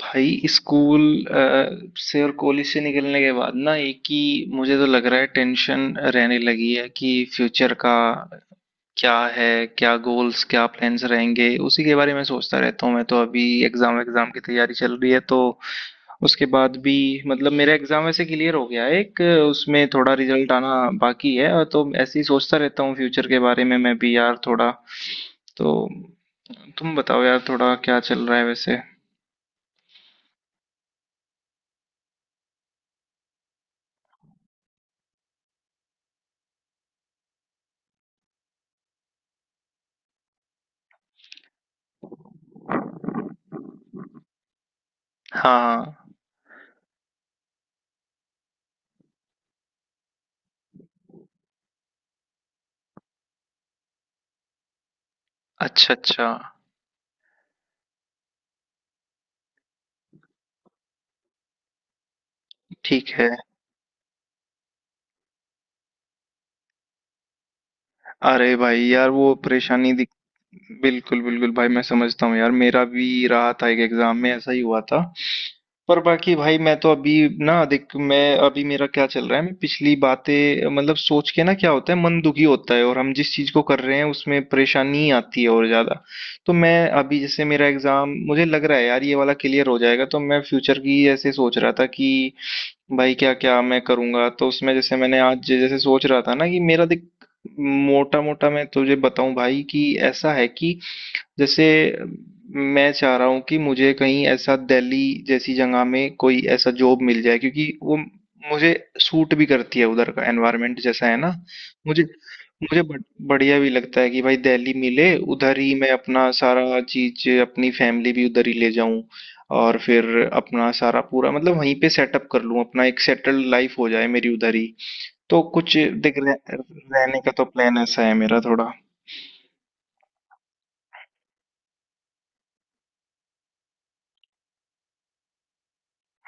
भाई स्कूल से और कॉलेज से निकलने के बाद ना एक ही मुझे तो लग रहा है टेंशन रहने लगी है कि फ्यूचर का क्या है, क्या गोल्स, क्या प्लान्स रहेंगे। उसी के बारे में सोचता रहता हूँ। मैं तो अभी एग्जाम एग्जाम की तैयारी चल रही है, तो उसके बाद भी मतलब मेरा एग्जाम वैसे क्लियर हो गया है एक, उसमें थोड़ा रिजल्ट आना बाकी है। और तो ऐसे ही सोचता रहता हूँ फ्यूचर के बारे में। मैं भी यार थोड़ा तो, तुम बताओ यार थोड़ा क्या चल रहा है वैसे। हाँ। हाँ। अच्छा, अच्छा। ठीक है। अरे भाई यार वो परेशानी दिख। बिल्कुल, बिल्कुल भाई, मैं समझता हूँ यार। मेरा भी रहा था, एक एग्ज़ाम में ऐसा ही हुआ था। पर बाकी भाई मैं तो अभी ना देख, मैं अभी मेरा क्या चल रहा है, मैं पिछली बातें मतलब सोच के ना क्या होता है, मन दुखी होता है और हम जिस चीज़ को कर रहे हैं उसमें परेशानी आती है और ज़्यादा। तो मैं अभी जैसे मेरा एग्ज़ाम मुझे लग रहा है यार ये वाला क्लियर हो जाएगा, तो मैं फ्यूचर की ऐसे सोच रहा था कि भाई क्या क्या मैं करूँगा। तो उसमें जैसे मैंने आज जैसे सोच रहा था ना कि मेरा देख, मोटा मोटा मैं तुझे बताऊं भाई कि ऐसा है कि जैसे मैं चाह रहा हूँ कि मुझे कहीं ऐसा दिल्ली जैसी जगह में कोई ऐसा जॉब मिल जाए, क्योंकि वो मुझे सूट भी करती है, उधर का एनवायरनमेंट जैसा है ना। मुझे मुझे बढ़िया भी लगता है कि भाई दिल्ली मिले, उधर ही मैं अपना सारा चीज, अपनी फैमिली भी उधर ही ले जाऊं और फिर अपना सारा पूरा मतलब वहीं पे सेटअप कर लूं, अपना एक सेटल्ड लाइफ हो जाए मेरी उधर ही। तो कुछ रहने का तो प्लान ऐसा है मेरा थोड़ा।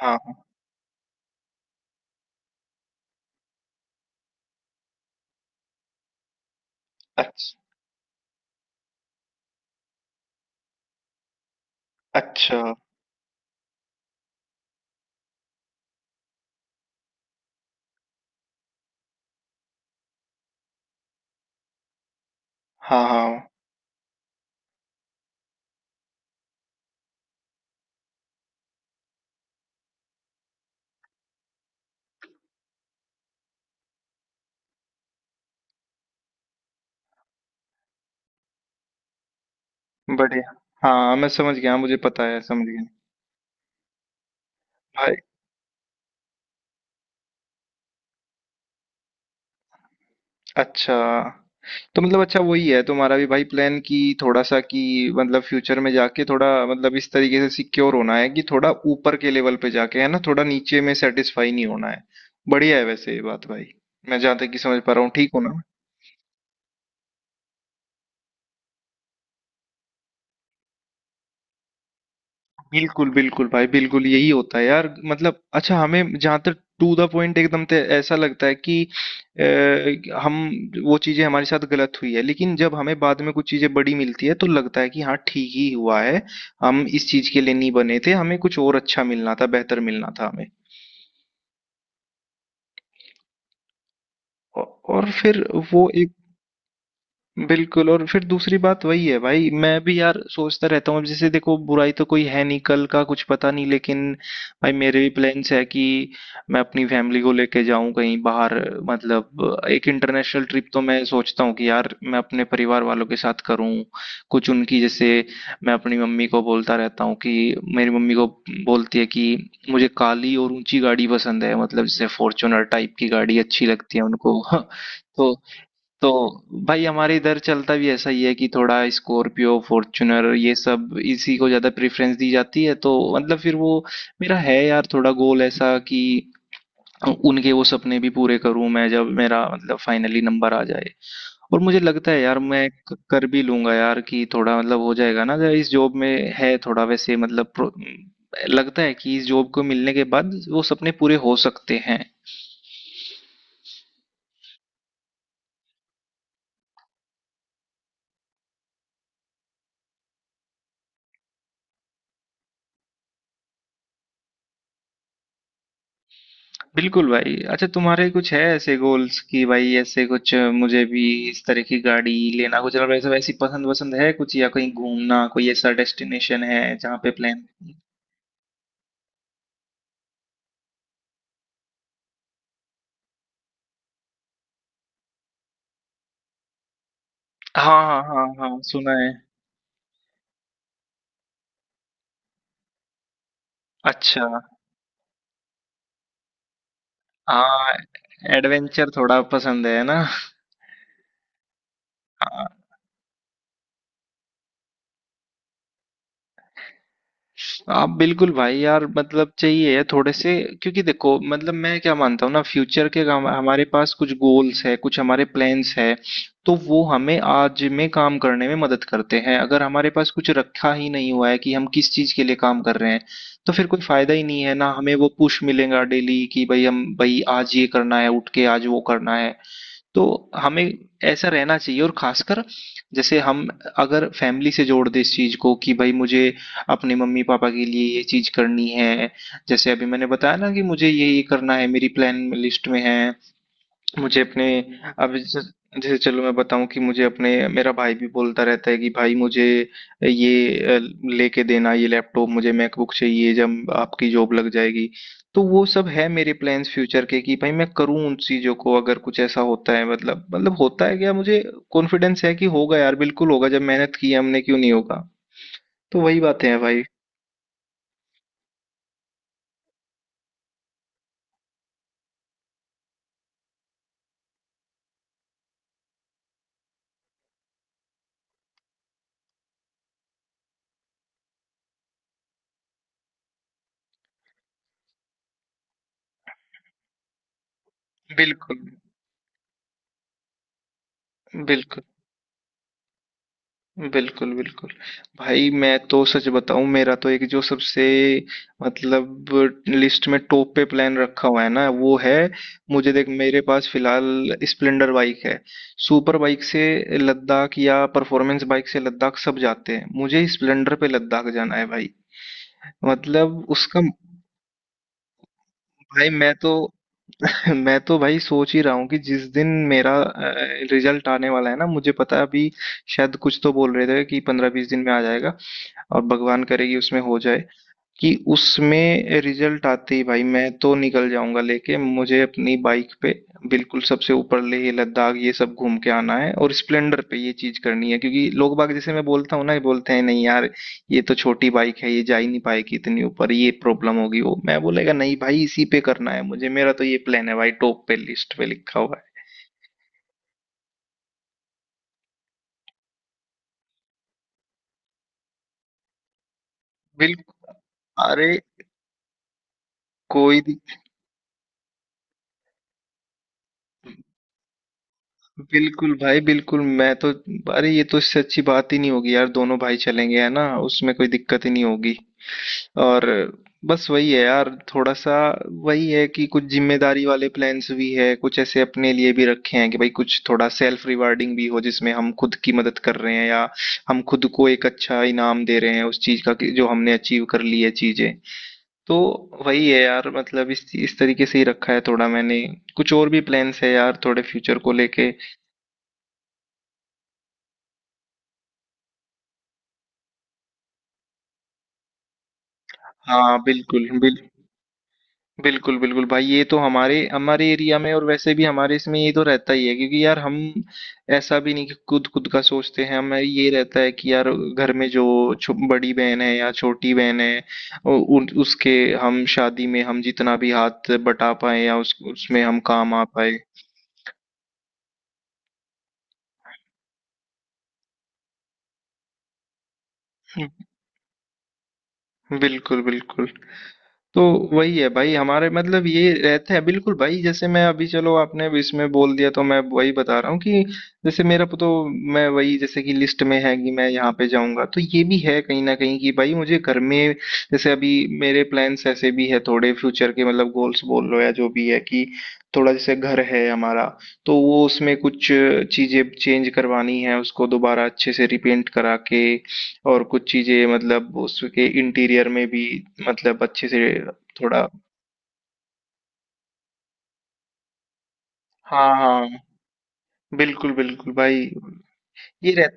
हाँ हाँ। अच्छा अच्छा। हाँ हाँ। बढ़िया। हाँ मैं समझ गया, मुझे पता है, समझ गया भाई। अच्छा, तो मतलब अच्छा वही है तुम्हारा भी भाई प्लान कि थोड़ा सा कि मतलब फ्यूचर में जाके थोड़ा मतलब इस तरीके से सिक्योर होना है कि थोड़ा ऊपर के लेवल पे जाके है ना, थोड़ा नीचे में सेटिस्फाई नहीं होना है। बढ़िया है वैसे ये बात भाई, मैं जहाँ तक कि समझ पा रहा हूँ। ठीक हूँ ना? बिल्कुल, बिल्कुल भाई, बिल्कुल यही होता है यार। मतलब अच्छा हमें जहाँ तक टू द पॉइंट एकदम ते ऐसा लगता है कि अ, हम वो चीजें हमारे साथ गलत हुई है, लेकिन जब हमें बाद में कुछ चीजें बड़ी मिलती है तो लगता है कि हाँ ठीक ही हुआ है, हम इस चीज के लिए नहीं बने थे, हमें कुछ और अच्छा मिलना था, बेहतर मिलना था हमें। औ- और फिर वो, बिल्कुल। और फिर दूसरी बात वही है भाई, मैं भी यार सोचता रहता हूँ अब जैसे देखो बुराई तो कोई है नहीं, कल का कुछ पता नहीं, लेकिन भाई मेरे भी प्लान्स है कि मैं अपनी फैमिली को लेके जाऊं कहीं बाहर। मतलब एक इंटरनेशनल ट्रिप तो मैं सोचता हूँ कि यार मैं अपने परिवार वालों के साथ करूँ। कुछ उनकी जैसे, मैं अपनी मम्मी को बोलता रहता हूँ कि मेरी मम्मी को बोलती है कि मुझे काली और ऊंची गाड़ी पसंद है, मतलब जैसे फॉर्च्यूनर टाइप की गाड़ी अच्छी लगती है उनको। तो तो भाई हमारे इधर चलता भी ऐसा ही है कि थोड़ा स्कॉर्पियो, फॉर्च्यूनर, ये सब इसी को ज़्यादा प्रेफरेंस दी जाती है। तो मतलब फिर वो मेरा है यार थोड़ा गोल ऐसा कि उनके वो सपने भी पूरे करूं मैं, जब मेरा मतलब फाइनली नंबर आ जाए। और मुझे लगता है यार मैं कर भी लूंगा यार, कि थोड़ा मतलब हो जाएगा ना जरा, इस जॉब में है थोड़ा वैसे मतलब लगता है कि इस जॉब को मिलने के बाद वो सपने पूरे हो सकते हैं। बिल्कुल भाई। अच्छा तुम्हारे कुछ है ऐसे गोल्स कि भाई ऐसे कुछ मुझे भी, इस तरह की गाड़ी लेना कुछ और वैसे वैसी पसंद वसंद है कुछ, या कहीं घूमना कोई ऐसा डेस्टिनेशन है जहाँ पे प्लान? हाँ हाँ हाँ हाँ सुना है। अच्छा। हाँ। एडवेंचर थोड़ा पसंद है ना? आप बिल्कुल भाई यार, मतलब चाहिए है थोड़े से। क्योंकि देखो मतलब मैं क्या मानता हूँ ना, फ्यूचर के हमारे पास कुछ गोल्स है, कुछ हमारे प्लान्स है, तो वो हमें आज में काम करने में मदद करते हैं। अगर हमारे पास कुछ रखा ही नहीं हुआ है कि हम किस चीज के लिए काम कर रहे हैं, तो फिर कोई फायदा ही नहीं है ना। हमें वो पुश मिलेगा डेली कि भाई हम भाई आज ये करना है, उठ के आज वो करना है। तो हमें ऐसा रहना चाहिए और खासकर जैसे हम अगर फैमिली से जोड़ दें इस चीज़ को कि भाई मुझे अपने मम्मी-पापा के लिए ये चीज़ करनी है। जैसे अभी मैंने बताया ना कि मुझे ये-ये करना है, मेरी प्लान लिस्ट में है। मुझे अपने, अब जैसे, जैसे चलो मैं बताऊँ कि मुझे अपने, मेरा भाई भी बोलता रहता है कि भाई मुझे ये लेके देना, ये लैपटॉप मुझे मैकबुक चाहिए जब आपकी जॉब लग जाएगी। तो वो सब है मेरे प्लान्स फ्यूचर के कि भाई मैं करूँ उन चीज़ों को। अगर कुछ ऐसा होता है मतलब होता है क्या, मुझे कॉन्फिडेंस है कि होगा यार, बिल्कुल होगा, जब मेहनत की है हमने क्यों नहीं होगा। तो वही बातें हैं भाई। बिल्कुल, बिल्कुल। बिल्कुल, बिल्कुल। भाई मैं तो सच बताऊँ, मेरा तो एक जो सबसे मतलब लिस्ट में टॉप पे प्लान रखा हुआ है ना, वो है मुझे देख मेरे पास फिलहाल स्प्लेंडर बाइक है। सुपर बाइक से लद्दाख या परफॉर्मेंस बाइक से लद्दाख सब जाते हैं। मुझे स्प्लेंडर पे लद्दाख जाना है भाई। मतलब उसका, भाई मैं तो मैं तो भाई सोच ही रहा हूँ कि जिस दिन मेरा रिजल्ट आने वाला है ना, मुझे पता है अभी शायद कुछ तो बोल रहे थे कि पंद्रह बीस दिन में आ जाएगा। और भगवान करे कि उसमें हो जाए, कि उसमें रिजल्ट आते ही भाई मैं तो निकल जाऊंगा लेके मुझे अपनी बाइक पे, बिल्कुल सबसे ऊपर लेह लद्दाख ये सब घूम के आना है। और स्प्लेंडर पे ये चीज करनी है, क्योंकि लोग बाग जैसे मैं बोलता हूँ ना, ये बोलते हैं, नहीं यार ये तो छोटी बाइक है, ये जा ही नहीं पाएगी इतनी ऊपर, ये प्रॉब्लम होगी वो। मैं बोलेगा नहीं भाई, इसी पे करना है मुझे, मेरा तो ये प्लान है भाई, टॉप पे लिस्ट पे लिखा हुआ है। बिल्कुल। अरे। कोई, बिल्कुल भाई, बिल्कुल मैं तो, अरे ये तो इससे अच्छी बात ही नहीं होगी यार, दोनों भाई चलेंगे है ना, उसमें कोई दिक्कत ही नहीं होगी। और बस वही है यार थोड़ा सा, वही है कि कुछ जिम्मेदारी वाले प्लान्स भी है, कुछ ऐसे अपने लिए भी रखे हैं कि भाई कुछ थोड़ा सेल्फ रिवार्डिंग भी हो, जिसमें हम खुद की मदद कर रहे हैं या हम खुद को एक अच्छा इनाम दे रहे हैं उस चीज का कि जो हमने अचीव कर ली है चीजें। तो वही है यार मतलब इस तरीके से ही रखा है थोड़ा मैंने। कुछ और भी प्लान्स है यार थोड़े फ्यूचर को लेके। हाँ बिल्कुल बिल्कुल बिल्कुल भाई, ये तो हमारे हमारे एरिया में और वैसे भी हमारे इसमें ये तो रहता ही है। क्योंकि यार हम ऐसा भी नहीं कि खुद खुद का सोचते हैं, हमें ये रहता है कि यार घर में जो बड़ी बहन है या छोटी बहन है उसके हम शादी में, हम जितना भी हाथ बटा पाए या उसमें हम काम आ पाए। बिल्कुल बिल्कुल। तो वही है भाई हमारे मतलब ये रहते हैं, बिल्कुल भाई। जैसे मैं अभी, चलो आपने अभी इसमें बोल दिया तो मैं वही बता रहा हूँ कि जैसे मेरा तो, मैं वही जैसे कि लिस्ट में है कि मैं यहाँ पे जाऊंगा, तो ये भी है कहीं ना कहीं कि भाई मुझे घर में, जैसे अभी मेरे प्लान्स ऐसे भी है थोड़े फ्यूचर के, मतलब गोल्स बोल लो या जो भी है, कि थोड़ा जैसे घर है हमारा, तो वो उसमें कुछ चीजें चेंज करवानी है, उसको दोबारा अच्छे से रिपेंट करा के, और कुछ चीज़ें मतलब उसके इंटीरियर में भी मतलब अच्छे से थोड़ा। हाँ हाँ। बिल्कुल बिल्कुल भाई। ये रह,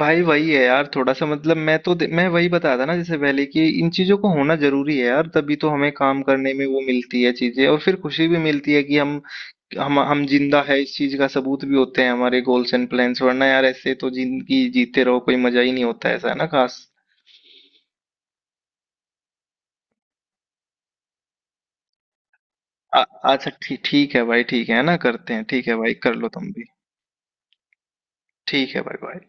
भाई वही है यार थोड़ा सा। मतलब मैं तो मैं वही बता था ना जैसे पहले कि इन चीज़ों को होना जरूरी है यार, तभी तो हमें काम करने में वो मिलती है चीज़ें, और फिर खुशी भी मिलती है कि हम जिंदा है, इस चीज़ का सबूत भी होते हैं हमारे गोल्स एंड प्लान्स। वरना यार ऐसे तो जिंदगी जीते रहो कोई मजा ही नहीं होता, ऐसा है ना खास। आ- अच्छा ठीक, ठीक है भाई, ठीक है ना करते हैं, ठीक है भाई कर लो तुम भी। ठीक है भाई बाय।